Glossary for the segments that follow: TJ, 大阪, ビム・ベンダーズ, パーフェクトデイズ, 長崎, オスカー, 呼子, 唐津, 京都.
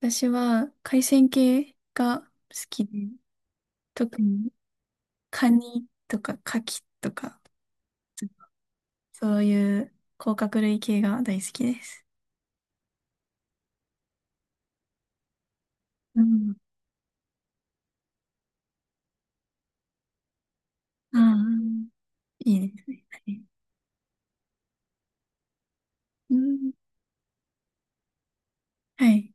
私は海鮮系が好きで、特にカニとかカキとか、そういう甲殻類系が大好きです。うん。ああ、いいですね。はい。うん。はい。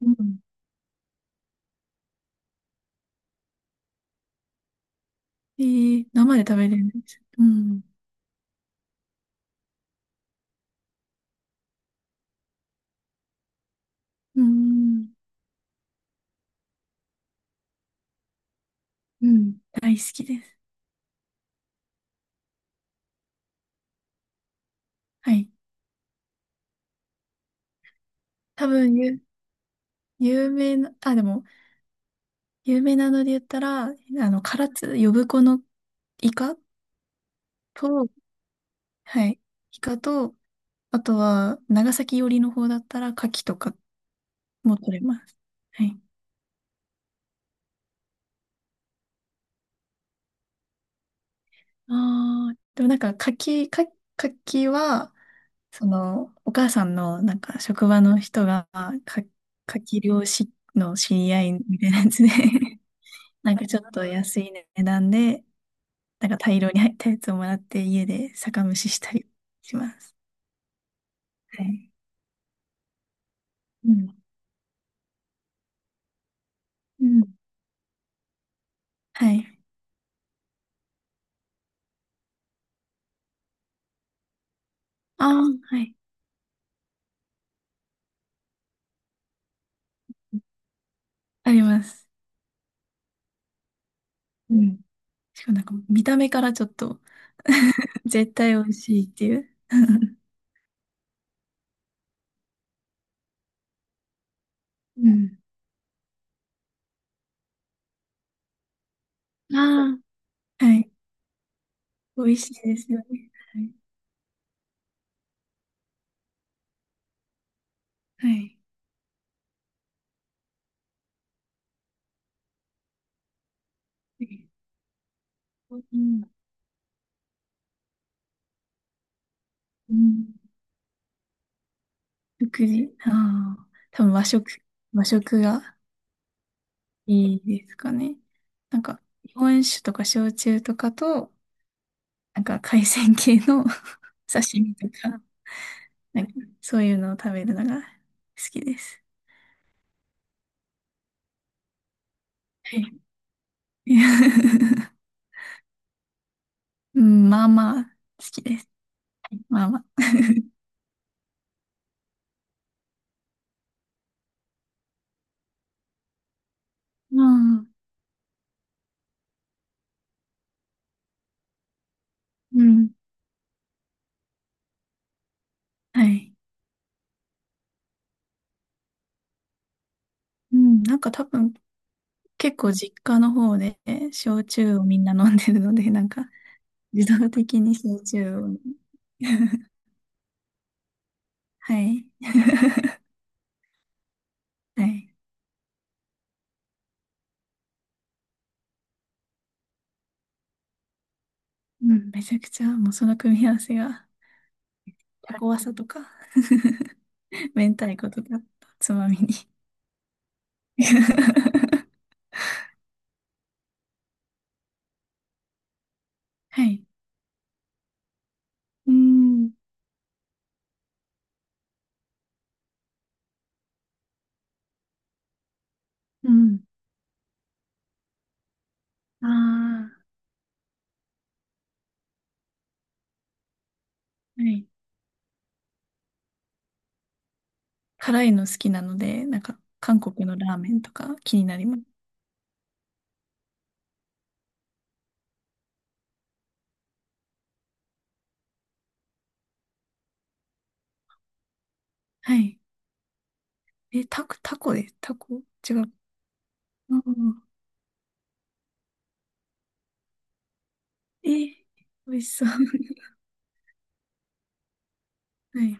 うん。えー、生で食べれるんです。うん。うん。うん。大好きです。はい。多分、有名な、あ、でも、有名なので言ったら、唐津、呼子のイカと、はい。イカと、あとは、長崎寄りの方だったら、牡蠣とかも取れます。はい。ああ、でもなんか、牡蠣は、その、お母さんの、なんか、職場の人が、か牡蠣漁師の知り合いみたいなやつで なんかちょっと安い値段で、なんか大量に入ったやつをもらって、家で酒蒸ししたりします。はい。うん。うん。はい。ああ、はい。あります。うん。しかもなんか見た目からちょっと絶対美味しいっていう。うん。ああ、はい。美味しいですよね。はい。はい。うん。うん。食事。ああ、多分和食、和食がいいですかね。なんか、日本酒とか焼酎とかと、なんか海鮮系の 刺身とか、なんかそういうのを食べるのが好きです。はい。うん、まあまあ、好きです。まあまあ。ああ、うん。はい。うん、なんか多分、結構実家の方で焼酎をみんな飲んでるので、なんか自動的に焼酎を。はい。はい。うん、めちゃくちゃ、もうその組み合わせが、タコワサとか、明太子とか、つまみに。はい。うん。うん。ああ、はい。辛いの好きなので、なんか、韓国のラーメンとか気になります。はい。え、タコ違う。うん。え、美味しそう。はい。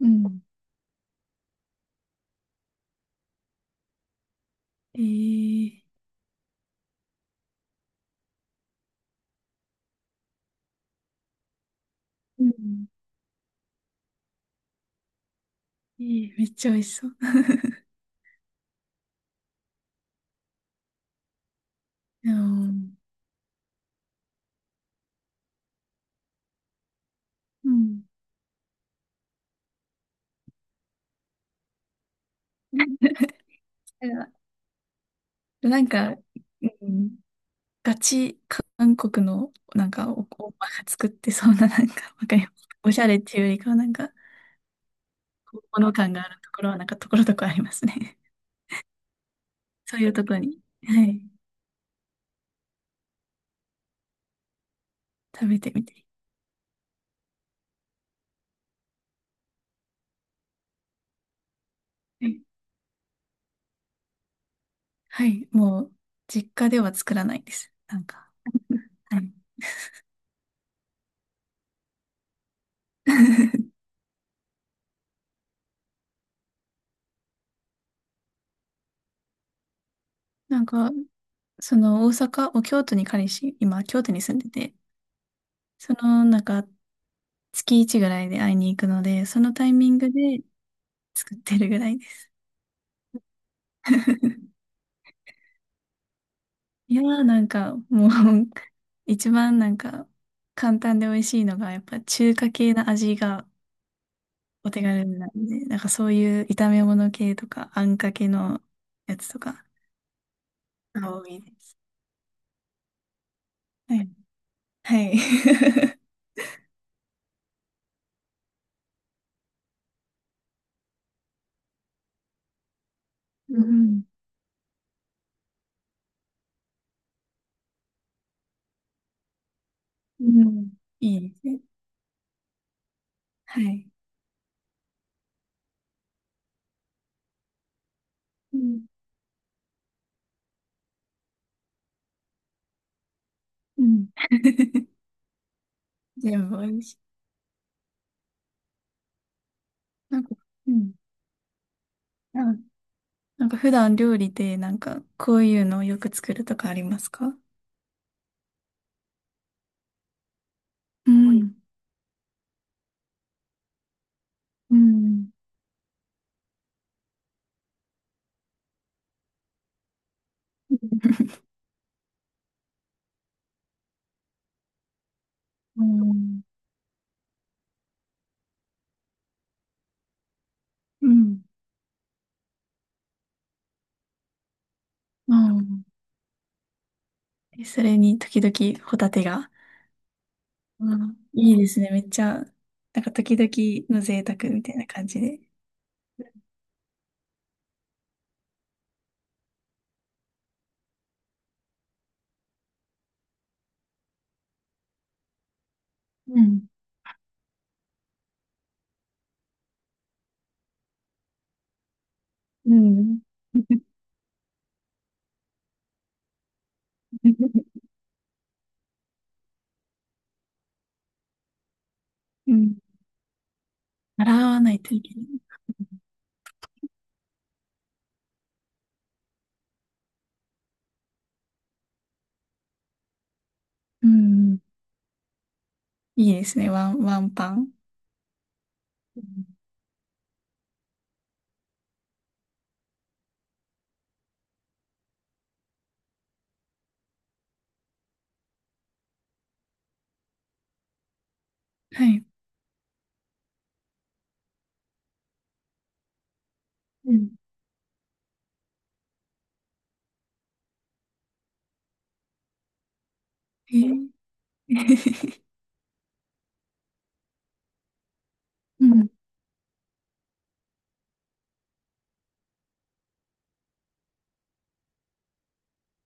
うん。えー、うん。えーめっちゃ美味しそう。あの。うん。でなんか、うん、ガチ韓国の、なんか、おばが作ってそうな、なんか、わかります。おしゃれっていうよりかは、なんか、本物感があるところは、なんか、ところどころありますね。そういうところに、はい、食べてみて。はい、はいもう、実家では作らないです。なんか、はい。なんか、その、大阪、お京都に彼氏、今、京都に住んでて、その、なんか、月1ぐらいで会いに行くので、そのタイミングで作ってるぐらいです。いやー、なんか、もう 一番なんか、簡単で美味しいのが、やっぱ中華系の味がお手軽なんで、なんかそういう炒め物系とか、あんかけのやつとか、が多いです。はい。はい。うん。うん。いいですね。はい。うん。うん。全部美味しい。なんか、うん。なんか普段料理でなんかこういうのをよく作るとかありますか？うん。うん。うん。うん。うん。え、それに時々ホタテが。うん、いいですね。めっちゃ、なんか時々の贅沢みたいな感じで。うん。うん。うん。洗わないといけない。うん。いいですね。ワンパン。うん。はい。うん。えー、うん。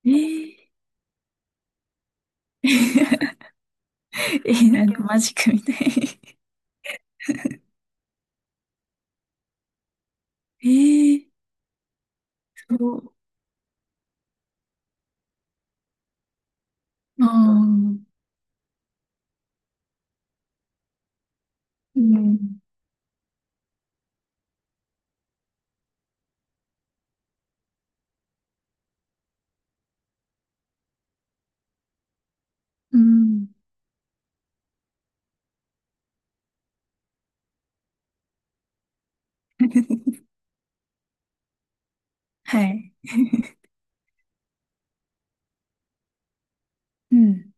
えー。 えー、なんかマジックみたい。ええ。そう。ああ、うん、うん。はい。うん。